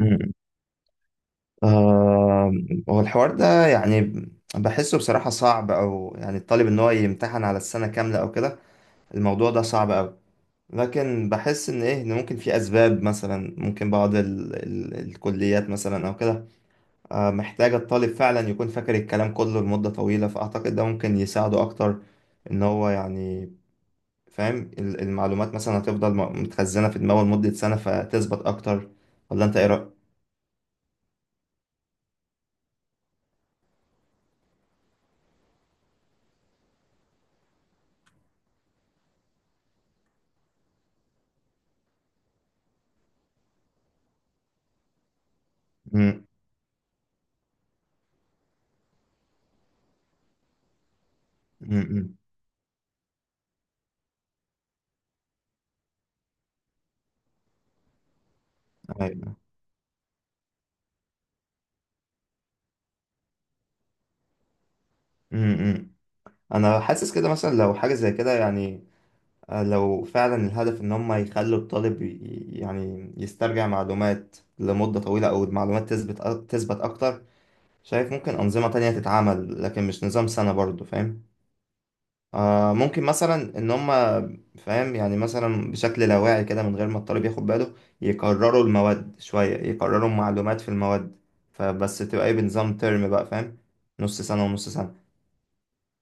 مم. آه، هو الحوار ده يعني بحسه بصراحة صعب، أو يعني الطالب إن هو يمتحن على السنة كاملة أو كده. الموضوع ده صعب أوي، لكن بحس إن إيه، إن ممكن في أسباب. مثلا ممكن بعض ال الكليات مثلا أو كده آه، محتاجة الطالب فعلا يكون فاكر الكلام كله لمدة طويلة، فأعتقد ده ممكن يساعده أكتر. إن هو يعني فاهم المعلومات مثلا هتفضل متخزنة في دماغه لمدة سنة فتثبت أكتر. ولا أنت إيه رأيك؟ مم. مم. مم. أيوة. امم انا حاسس كده مثلا لو حاجه زي كده، يعني آه، لو فعلا الهدف ان هم يخلوا الطالب يعني يسترجع معلومات لمده طويله، او المعلومات تثبت تثبت اكتر. شايف ممكن انظمه تانية تتعمل، لكن مش نظام سنه برضو، فاهم؟ آه ممكن مثلا ان هم فاهم يعني مثلا بشكل لاواعي كده من غير ما الطالب ياخد باله، يكرروا المواد شويه، يكرروا معلومات في المواد، فبس تبقى ايه بنظام ترم، بقى فاهم، نص سنه ونص سنه.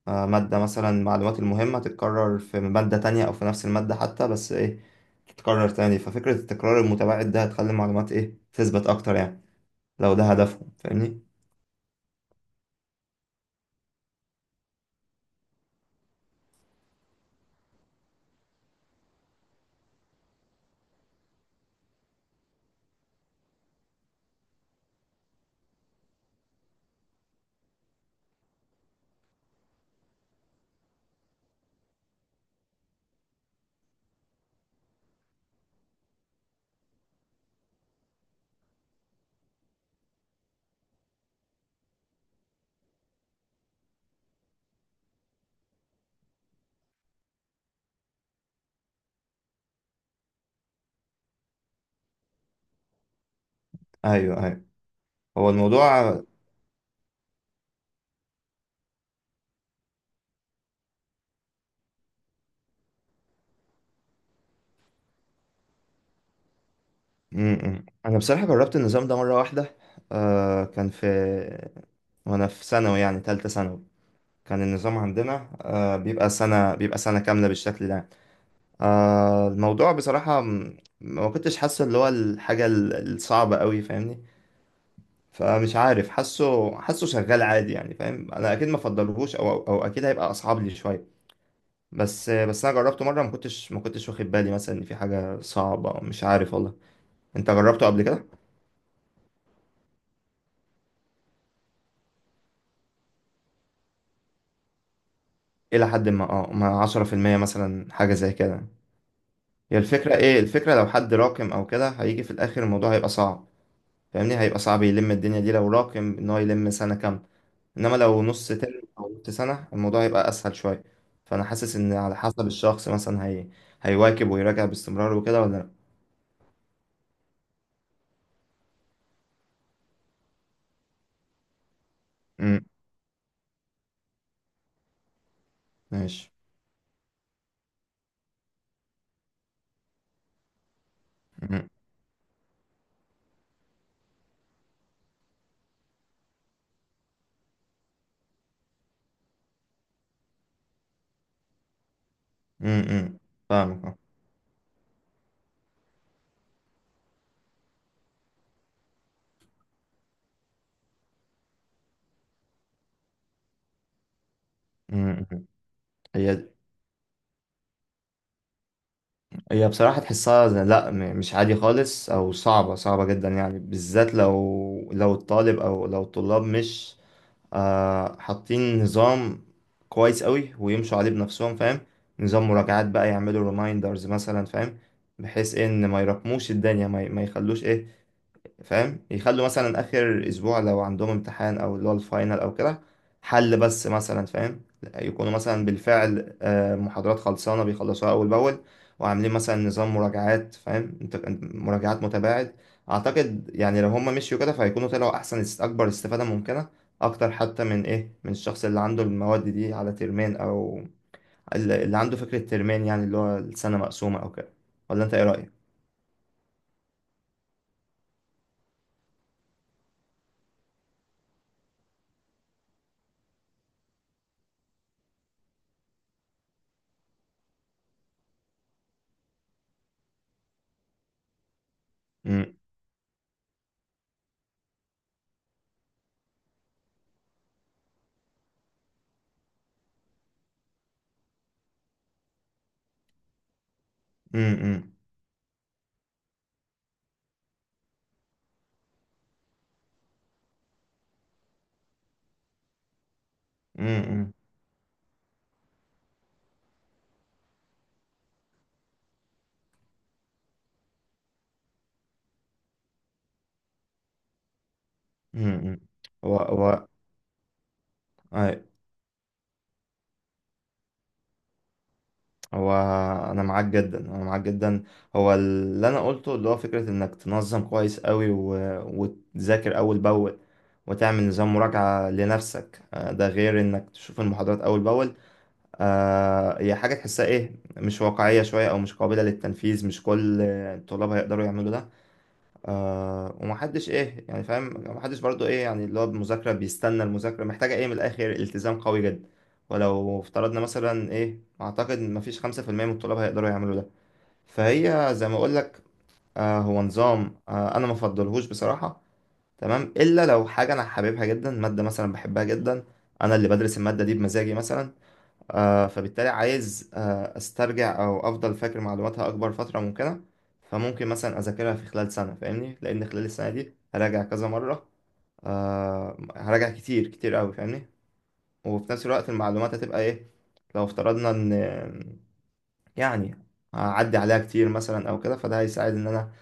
آه، مادة مثلا المعلومات المهمة تتكرر في مادة تانية أو في نفس المادة حتى، بس إيه تتكرر تاني. ففكرة التكرار المتباعد ده هتخلي المعلومات إيه، تثبت أكتر يعني لو ده هدفهم، فاهمني؟ أيوه أيوه. هو الموضوع م-م. أنا بصراحة جربت النظام ده مرة واحدة. آه كان في، وأنا في ثانوي يعني تالتة ثانوي، كان النظام عندنا آه بيبقى سنة كاملة بالشكل ده يعني. آه الموضوع بصراحة ما كنتش حاسه اللي هو الحاجة الصعبة قوي، فاهمني؟ فمش عارف، حاسه شغال عادي يعني فاهم. انا اكيد ما افضلهوش، او او أو اكيد هيبقى اصعب لي شويه، بس انا جربته مره، ما كنتش واخد بالي مثلا ان في حاجه صعبه، أو مش عارف والله. انت جربته قبل كده؟ الى حد ما، اه، ما 10% مثلا، حاجه زي كده. هي الفكره، ايه الفكره، لو حد راكم او كده، هيجي في الاخر الموضوع هيبقى صعب، فاهمني؟ هيبقى صعب يلم الدنيا دي لو راكم ان هو يلم سنه كامله، انما لو نص ترم او نص سنه الموضوع هيبقى اسهل شويه. فانا حاسس ان على حسب الشخص، مثلا هيواكب ويراجع باستمرار وكده ولا لا. امم، ماشي. امم امم. امم. فاهمك اه. امم امم. هي هي بصراحه تحسها لا مش عادي خالص، او صعبه صعبه جدا يعني، بالذات لو الطالب او لو الطلاب مش آه حاطين نظام كويس قوي، ويمشوا عليه بنفسهم، فاهم؟ نظام مراجعات بقى، يعملوا ريمايندرز مثلا فاهم، بحيث ان ما يراكموش الدنيا، ما يخلوش ايه، فاهم، يخلوا مثلا اخر اسبوع لو عندهم امتحان او اللي هو الفاينل او كده حل بس مثلا، فاهم؟ يكونوا مثلا بالفعل آه، محاضرات خلصانه بيخلصوها اول باول، وعاملين مثلا نظام مراجعات، فاهم انت، مراجعات متباعد. اعتقد يعني لو هم مشيوا كده فهيكونوا طلعوا احسن، اكبر استفاده ممكنه، اكتر حتى من ايه، من الشخص اللي عنده المواد دي على ترمين، او اللي عنده فكره ترمين، يعني اللي هو السنه مقسومه او كده. ولا انت ايه رايك؟ امم امم امم. هو أي- هو انا معاك جدا، انا معاك جدا. هو اللي انا قلته، اللي هو فكره انك تنظم كويس قوي وتذاكر اول باول، وتعمل نظام مراجعه لنفسك آه، ده غير انك تشوف المحاضرات اول باول. آه، هي حاجه تحسها ايه، مش واقعيه شويه، او مش قابله للتنفيذ، مش كل الطلاب هيقدروا يعملوا ده. آه ومحدش ايه يعني فاهم، محدش برضو ايه يعني اللي هو المذاكرة، بيستنى المذاكرة محتاجة ايه، من الآخر التزام قوي جدا، ولو افترضنا مثلا ايه أعتقد مفيش 5% من الطلاب هيقدروا يعملوا ده، فهي زي ما أقولك آه، هو نظام آه أنا مفضلهوش بصراحة، تمام؟ إلا لو حاجة أنا حاببها جدا، مادة مثلا بحبها جدا، أنا اللي بدرس المادة دي بمزاجي مثلا، آه، فبالتالي عايز آه، استرجع او افضل فاكر معلوماتها اكبر فتره ممكنه، فممكن مثلا اذاكرها في خلال سنه، فاهمني؟ لان خلال السنه دي هراجع كذا مره، آه، هراجع كتير كتير قوي فاهمني، وفي نفس الوقت المعلومات هتبقى ايه، لو افترضنا ان يعني هعدي عليها كتير مثلا او كده، فده هيساعد ان انا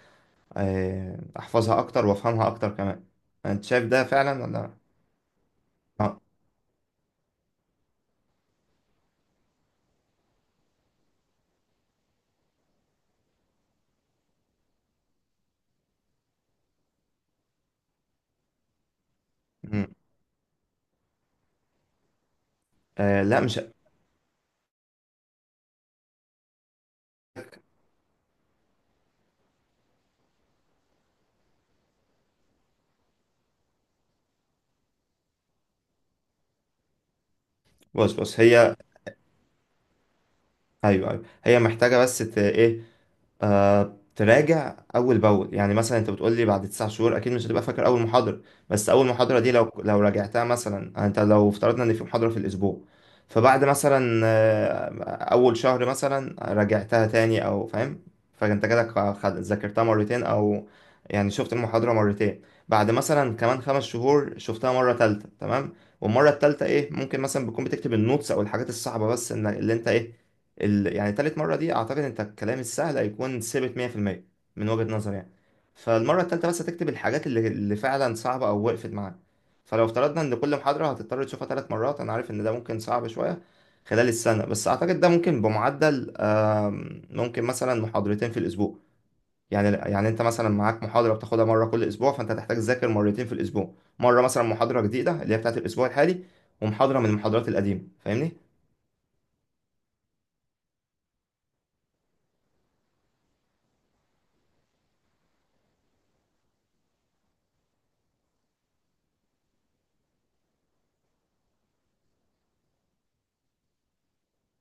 آه، احفظها اكتر وافهمها اكتر كمان. انت شايف ده فعلا ولا؟ اه. مم. آه، لا مش، بص بص هي، ايوه ايوه. هي محتاجه بس ايه آه، تراجع اول باول. يعني مثلا انت بتقول لي بعد 9 شهور اكيد مش هتبقى فاكر اول محاضره، بس اول محاضره دي لو راجعتها مثلا، انت لو افترضنا ان في محاضره في الاسبوع، فبعد مثلا آه، اول شهر مثلا راجعتها تاني او فاهم، فانت كده ذاكرتها مرتين، او يعني شفت المحاضره مرتين، بعد مثلا كمان 5 شهور شفتها مره تالتة تمام. والمره التالتة ايه، ممكن مثلا بتكون بتكتب النوتس او الحاجات الصعبه بس، ان اللي انت ايه يعني تالت مرة دي أعتقد أنت الكلام السهل هيكون ثابت 100% من وجهة نظري يعني. فالمرة التالتة بس هتكتب الحاجات اللي فعلا صعبة أو وقفت معاك. فلو افترضنا إن كل محاضرة هتضطر تشوفها 3 مرات، أنا عارف إن ده ممكن صعب شوية خلال السنة، بس أعتقد ده ممكن بمعدل ممكن مثلا محاضرتين في الأسبوع. يعني أنت مثلا معاك محاضرة بتاخدها مرة كل أسبوع، فأنت هتحتاج تذاكر مرتين في الأسبوع، مرة مثلا محاضرة جديدة اللي هي بتاعت الأسبوع الحالي، ومحاضرة من المحاضرات القديمة، فاهمني؟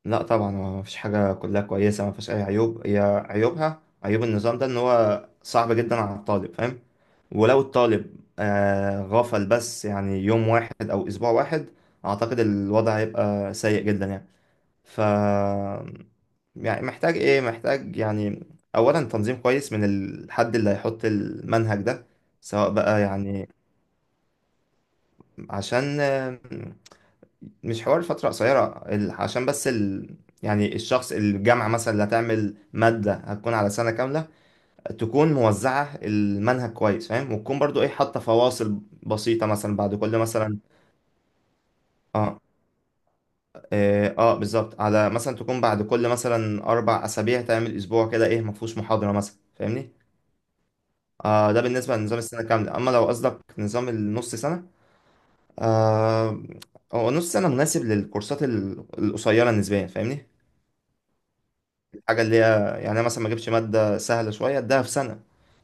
لا طبعا، هو مفيش حاجة كلها كويسة مفيش أي عيوب. هي عيوبها، عيوب النظام ده إن هو صعب جدا على الطالب، فاهم؟ ولو الطالب آه غفل بس يعني يوم واحد أو أسبوع واحد، أعتقد الوضع هيبقى سيء جدا يعني. ف يعني محتاج إيه، محتاج يعني أولا تنظيم كويس من الحد اللي هيحط المنهج ده، سواء بقى يعني عشان آه، مش حوار فترة قصيرة عشان بس يعني الشخص الجامعة مثلا اللي هتعمل مادة هتكون على سنة كاملة، تكون موزعة المنهج كويس فاهم، وتكون برضو ايه، حاطة فواصل بسيطة مثلا بعد كل مثلا اه اه, آه بالظبط، على مثلا تكون بعد كل مثلا 4 أسابيع تعمل أسبوع كده ايه مفهوش محاضرة مثلا، فاهمني؟ آه ده بالنسبة لنظام السنة كاملة، أما لو قصدك نظام النص سنة آه، هو نص سنة مناسب للكورسات القصيرة نسبيا، فاهمني؟ الحاجة اللي هي يعني أنا مثلا ما اجيبش مادة سهلة شوية اديها في سنة،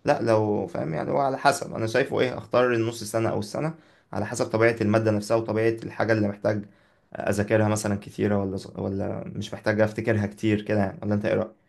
لا لو فاهم يعني هو على حسب، انا شايفه ايه، اختار النص سنة او السنة على حسب طبيعة المادة نفسها، وطبيعة الحاجة اللي محتاج اذاكرها مثلا كتيرة ولا مش محتاج افتكرها كتير كده يعني. ولا انت ايه رأيك؟